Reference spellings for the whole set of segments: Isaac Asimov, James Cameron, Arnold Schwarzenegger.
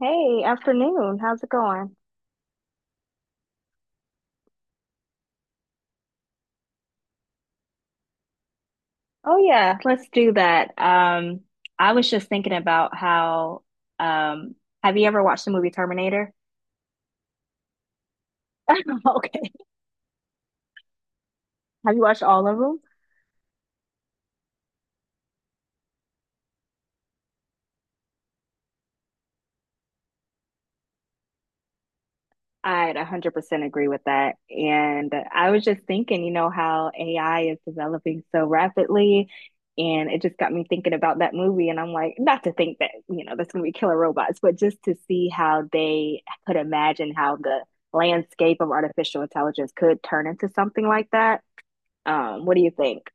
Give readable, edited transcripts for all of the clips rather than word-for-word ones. Hey, afternoon. How's it going? Oh yeah, let's do that. I was just thinking about how um have you ever watched the movie Terminator? Okay. Have you watched all of them? I'd 100% agree with that. And I was just thinking, how AI is developing so rapidly. And it just got me thinking about that movie. And I'm like, not to think that, that's going to be killer robots, but just to see how they could imagine how the landscape of artificial intelligence could turn into something like that. What do you think?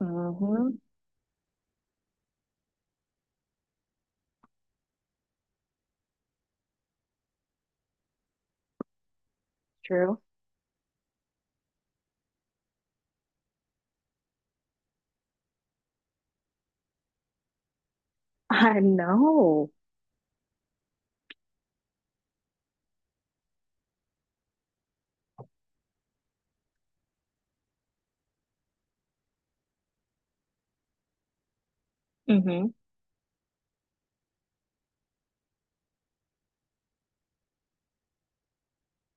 Mm-hmm. True. I know. Mm-hmm.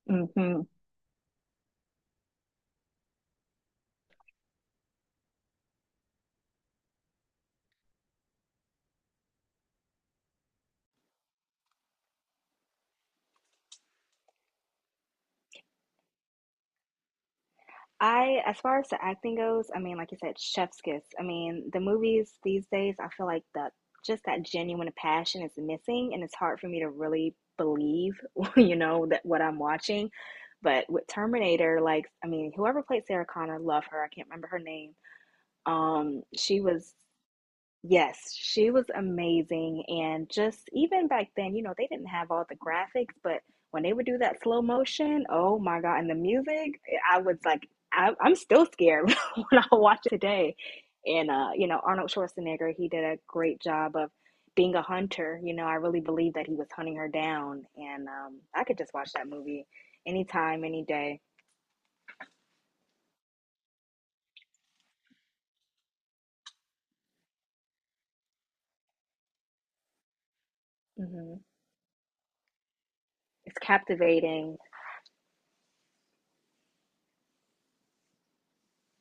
Mm-hmm. I, as far as the acting goes, I mean, like you said, chef's kiss. I mean, the movies these days, I feel like the just that genuine passion is missing, and it's hard for me to really believe, that what I'm watching. But with Terminator, like, I mean, whoever played Sarah Connor, love her. I can't remember her name. She was. Yes, she was amazing. And just even back then, they didn't have all the graphics, but when they would do that slow motion, oh my God, and the music, eh, I was like, I'm still scared when I watch it today. And, you know, Arnold Schwarzenegger, he did a great job of being a hunter. You know, I really believe that he was hunting her down. And I could just watch that movie anytime, any day. Hmm. It's captivating.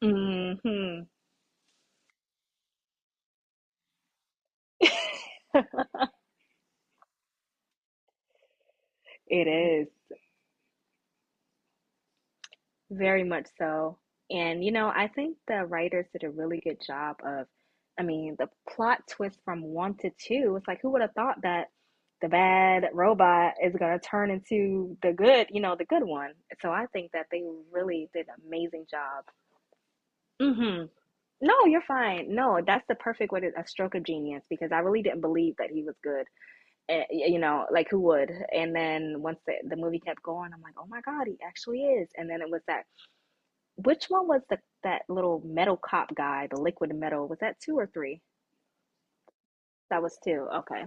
Hmm. It is. Very much so. And, you know, I think the writers did a really good job of, I mean, the plot twist from one to two, it's like, who would have thought that the bad robot is going to turn into the good, the good one? So I think that they really did an amazing job. Hmm. No, you're fine. No, that's the perfect way to, a stroke of genius because I really didn't believe that he was good. Eh, you know, like who would? And then once the movie kept going, I'm like, oh my God, he actually is. And then it was that which one was the that little metal cop guy, the liquid metal? Was that two or three? That was two. Okay.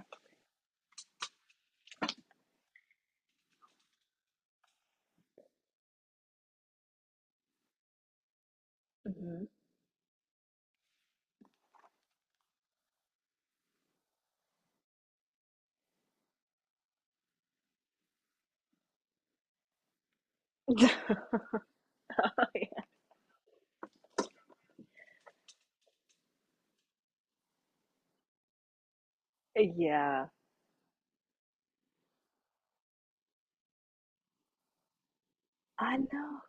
Hmm. Yeah, I know.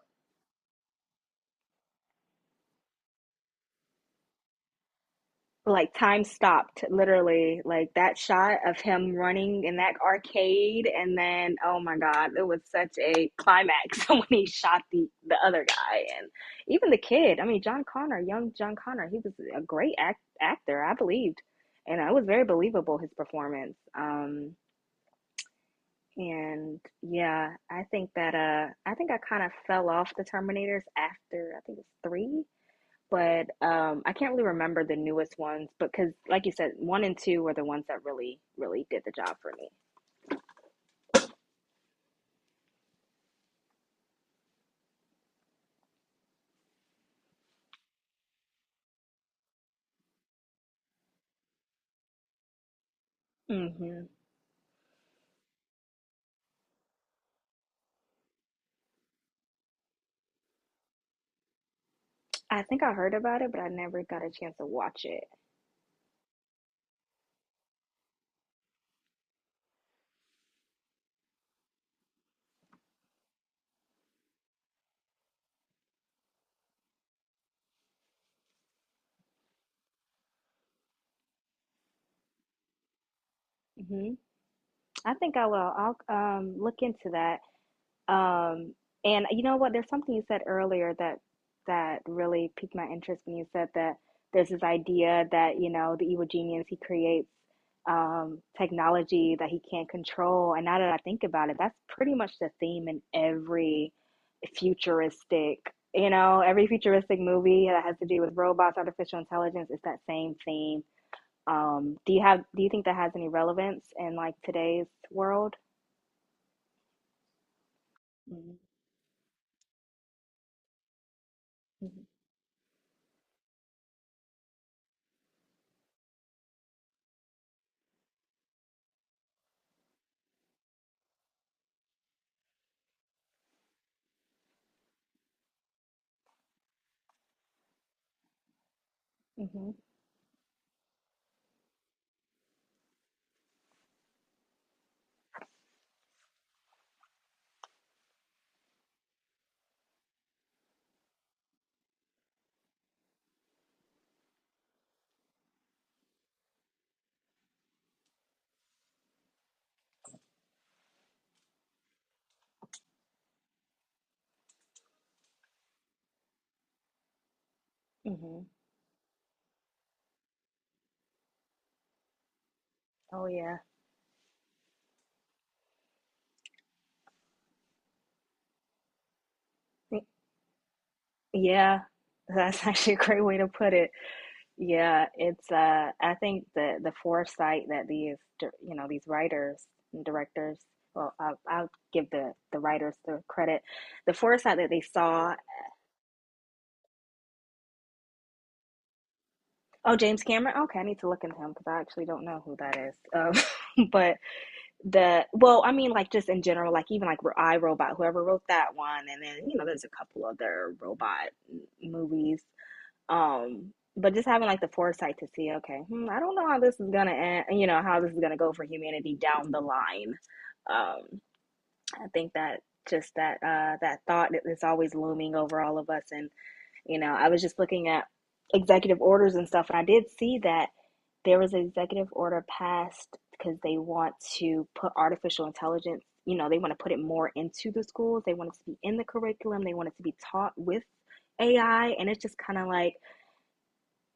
Like time stopped, literally. Like that shot of him running in that arcade, and then oh my God, it was such a climax when he shot the other guy, and even the kid. I mean, John Connor, young John Connor, he was a great actor, I believed, and it was very believable his performance. And yeah, I think that I think I kind of fell off the Terminators after I think it's three, but I can't really remember the newest ones but because like you said, one and two were the ones that really, really did the job for me. Hmm. I think I heard about it, but I never got a chance to watch it. Hmm. I think I will. I'll look into that. Um, and you know what? There's something you said earlier that really piqued my interest when you said that there's this idea that, the evil genius, he creates technology that he can't control. And now that I think about it, that's pretty much the theme in every futuristic, every futuristic movie that has to do with robots, artificial intelligence, it's that same theme. Do you think that has any relevance in like today's world? Mm-hmm. Mm-hmm. Mm-hmm. Oh yeah. Y- Yeah. That's actually a great way to put it. Yeah, it's I think the foresight that these you know, these writers and directors, well, I'll give the writers the credit. The foresight that they saw, oh, James Cameron. Okay, I need to look into him because I actually don't know who that is. But the well, I mean like just in general, like even like I Robot, whoever wrote that one and then, you know, there's a couple other robot movies um but just having like the foresight to see okay, hmm, I don't know how this is gonna end, you know how this is gonna go for humanity down the line. um I think that just that that thought is always looming over all of us, and you know, I was just looking at executive orders and stuff, and I did see that there was an executive order passed because they want to put artificial intelligence, they want to put it more into the schools, they want it to be in the curriculum, they want it to be taught with AI. And it's just kind of like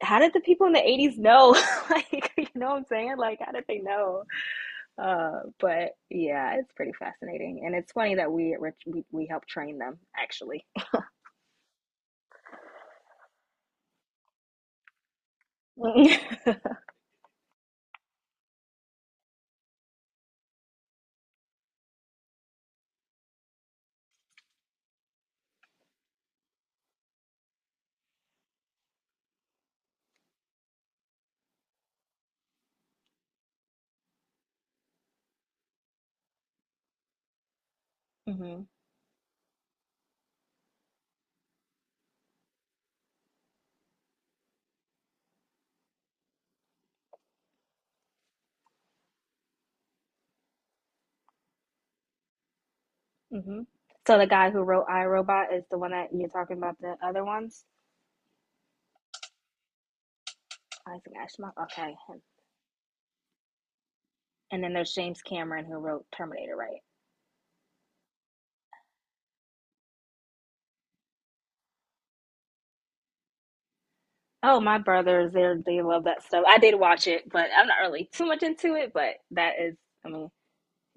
how did the people in the 80s know? Like, you know what I'm saying? Like, how did they know? But yeah, it's pretty fascinating. And it's funny that we we help train them, actually. Hmm. Hmm. So the guy who wrote I Robot is the one that you're talking about, the other ones? Isaac Asimov? Okay. And then there's James Cameron who wrote Terminator, right? Oh, my brothers, they love that stuff. I did watch it, but I'm not really too much into it, but that is, I mean,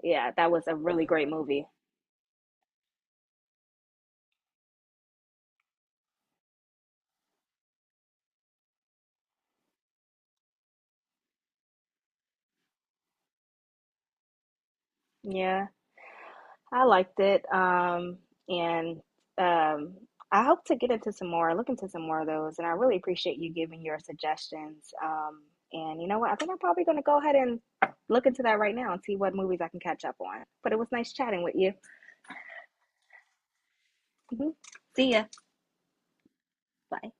yeah, that was a really great movie. Yeah. I liked it. And um, I hope to get into some more, look into some more of those. And I really appreciate you giving your suggestions. And you know what? I think I'm probably going to go ahead and look into that right now and see what movies I can catch up on. But it was nice chatting with you. Mhm. See ya. Bye.